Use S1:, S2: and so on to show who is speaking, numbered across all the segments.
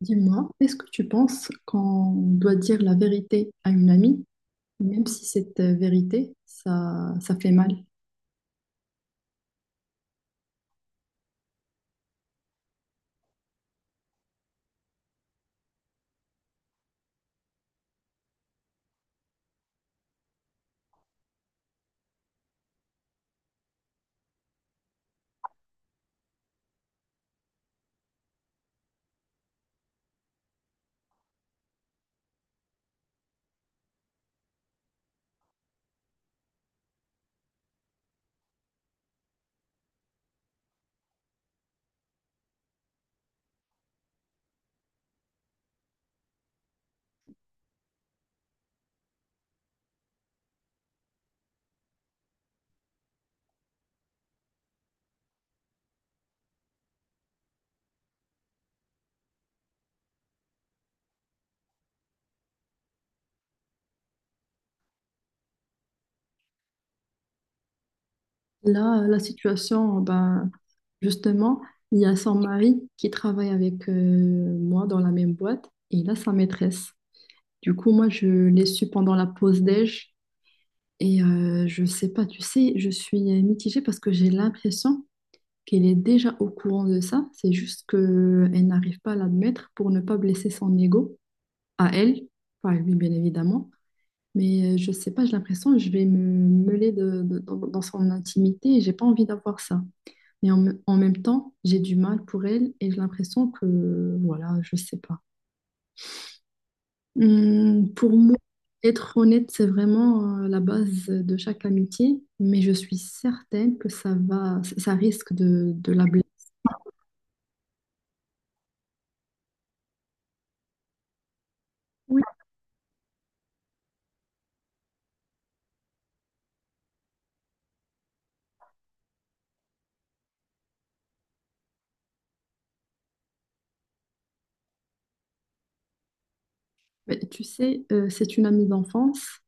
S1: Dis-moi, est-ce que tu penses qu'on doit dire la vérité à une amie, même si cette vérité, ça fait mal? Là, la situation, ben, justement, il y a son mari qui travaille avec moi dans la même boîte et il a sa maîtresse. Du coup, moi, je l'ai su pendant la pause déj et je sais pas, tu sais, je suis mitigée parce que j'ai l'impression qu'elle est déjà au courant de ça. C'est juste qu'elle n'arrive pas à l'admettre pour ne pas blesser son ego. À elle, enfin, lui bien évidemment, mais je sais pas, j'ai l'impression que je vais me mêler dans son intimité et j'ai pas envie d'avoir ça. Mais en même temps, j'ai du mal pour elle et j'ai l'impression que, voilà, je sais pas. Pour moi, être honnête, c'est vraiment la base de chaque amitié, mais je suis certaine que ça va, ça risque de la blesser. Mais tu sais, c'est une amie d'enfance,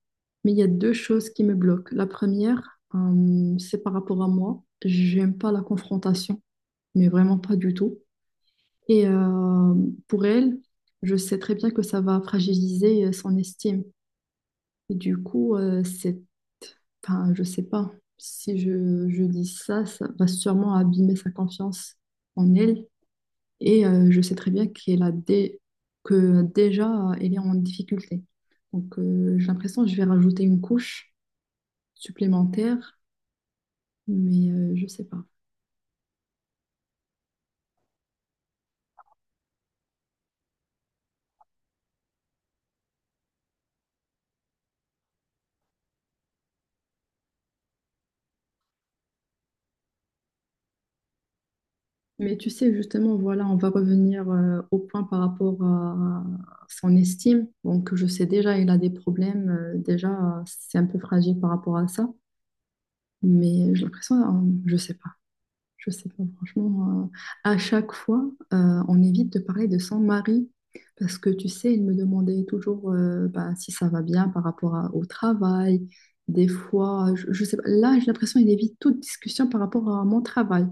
S1: mais il y a deux choses qui me bloquent. La première, c'est par rapport à moi. J'aime pas la confrontation, mais vraiment pas du tout. Et pour elle, je sais très bien que ça va fragiliser son estime. Et du coup, c'est... Enfin, je sais pas. Si je dis ça, ça va sûrement abîmer sa confiance en elle. Et je sais très bien que déjà, elle est en difficulté. Donc, j'ai l'impression que je vais rajouter une couche supplémentaire, mais je sais pas. Mais tu sais, justement, voilà, on va revenir au point par rapport à son estime. Donc, je sais déjà, il a des problèmes. Déjà, c'est un peu fragile par rapport à ça. Mais j'ai l'impression, je sais pas. Je sais pas, franchement, à chaque fois, on évite de parler de son mari parce que tu sais, il me demandait toujours bah, si ça va bien au travail. Des fois, je sais pas, là, j'ai l'impression qu'il évite toute discussion par rapport à mon travail.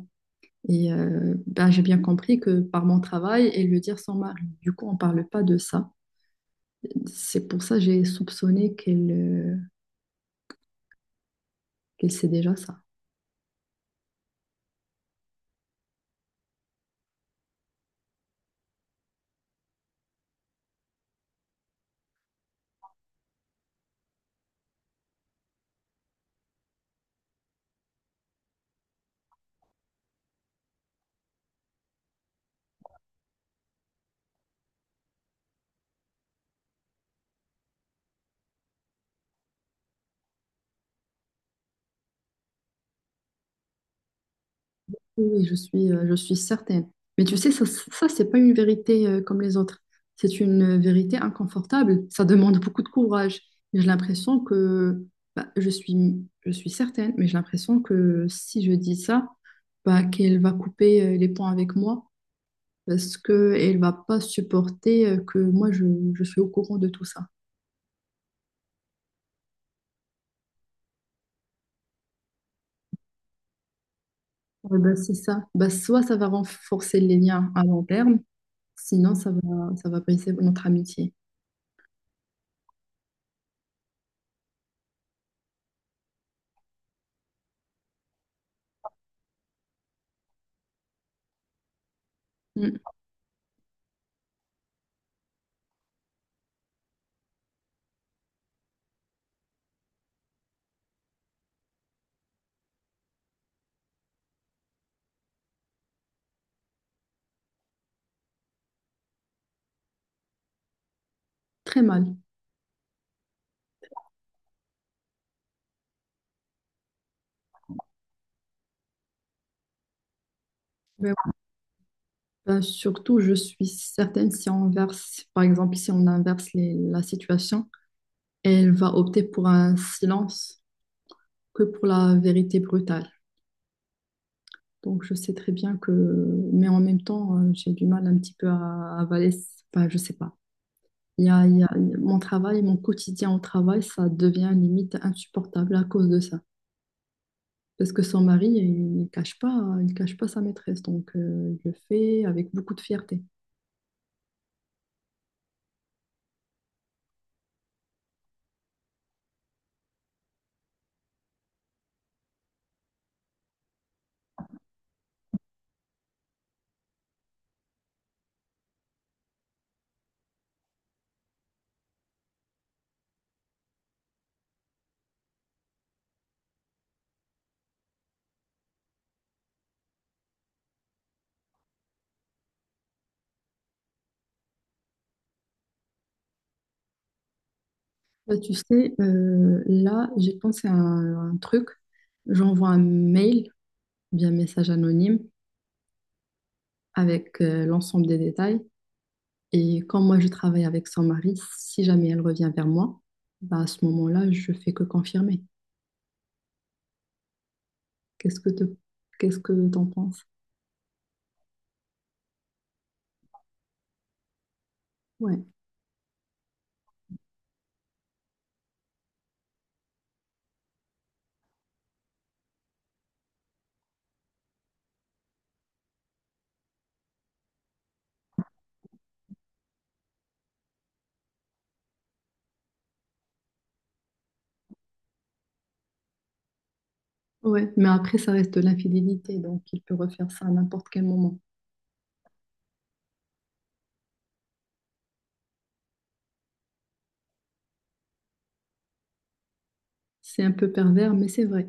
S1: Et bah, j'ai bien compris que par mon travail, et le dire son mari. Du coup, on parle pas de ça. C'est pour ça que j'ai soupçonné qu'elle qu'elle sait déjà ça. Oui, oui, je suis certaine. Mais tu sais, ça c'est pas une vérité comme les autres. C'est une vérité inconfortable. Ça demande beaucoup de courage. Et j'ai l'impression que, bah, je suis certaine, mais j'ai l'impression que si je dis ça, bah, qu'elle va couper les ponts avec moi parce qu'elle va pas supporter que moi, je suis au courant de tout ça. Ouais, bah, c'est ça. Bah, soit ça va renforcer les liens à long terme, sinon ça va briser notre amitié. Mm. Très mal. Ben, surtout, je suis certaine si on inverse, par exemple, si on inverse la situation, elle va opter pour un silence que pour la vérité brutale. Donc, je sais très bien que, mais en même temps, j'ai du mal un petit peu à avaler, enfin, je sais pas. Mon travail, mon quotidien au travail, ça devient limite insupportable à cause de ça. Parce que son mari, il cache pas sa maîtresse. Donc, il le fait avec beaucoup de fierté. Bah, tu sais, là, j'ai pensé à un truc. J'envoie un mail, bien message anonyme, avec l'ensemble des détails. Et quand moi, je travaille avec son mari, si jamais elle revient vers moi, bah, à ce moment-là, je fais que confirmer. Qu'est-ce que te, qu'est-ce que t'en penses? Ouais, ouais. Mais après, ça reste de l'infidélité, donc il peut refaire ça à n'importe quel moment. C'est un peu pervers, mais c'est vrai.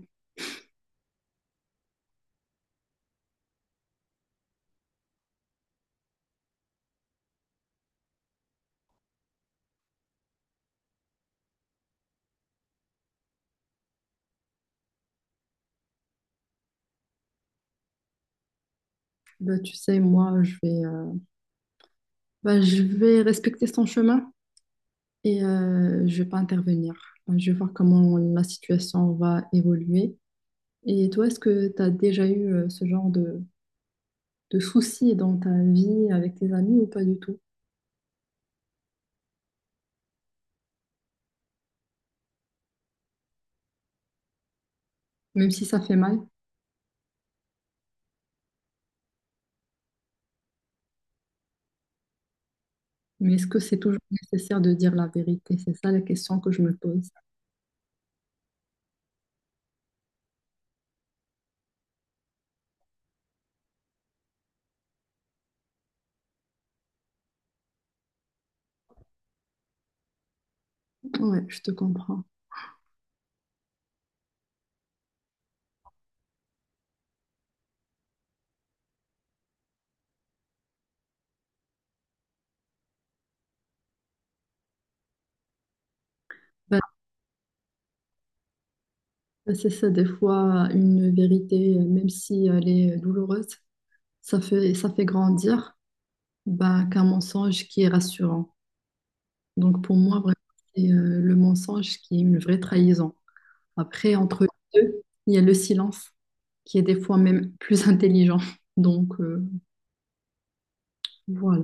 S1: Bah, tu sais, moi, bah, je vais respecter son chemin. Et je vais pas intervenir. Je vais voir comment ma situation va évoluer. Et toi, est-ce que tu as déjà eu ce genre de soucis dans ta vie avec tes amis ou pas du tout? Même si ça fait mal, mais est-ce que c'est toujours nécessaire de dire la vérité? C'est ça la question que je me pose. Ouais, je te comprends. Ben, c'est ça, des fois, une vérité, même si elle est douloureuse, ça fait grandir ben, qu'un mensonge qui est rassurant. Donc pour moi, vraiment, c'est le mensonge qui est une vraie trahison. Après, entre les deux, il y a le silence qui est des fois même plus intelligent. Donc voilà.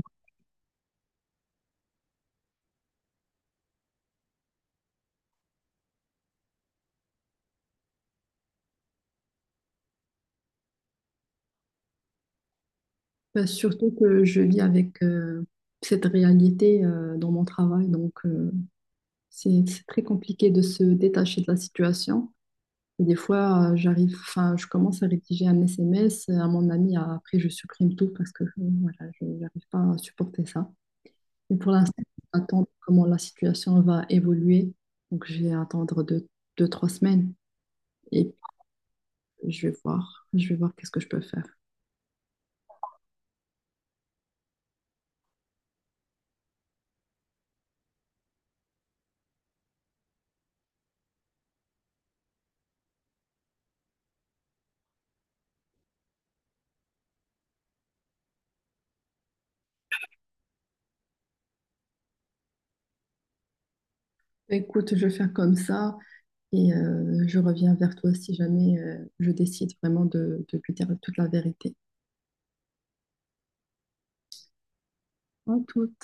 S1: Bah, surtout que je vis avec cette réalité dans mon travail. Donc c'est très compliqué de se détacher de la situation. Et des fois, j'arrive, enfin, je commence à rédiger un SMS à mon ami. Après, je supprime tout parce que voilà, je n'arrive pas à supporter ça. Mais pour l'instant, on attend comment la situation va évoluer. Donc, je vais attendre 2, 2, 3 semaines et puis je vais voir. Je vais voir qu'est-ce que je peux faire. Écoute, je vais faire comme ça et je reviens vers toi si jamais je décide vraiment de lui dire toute la vérité. En tout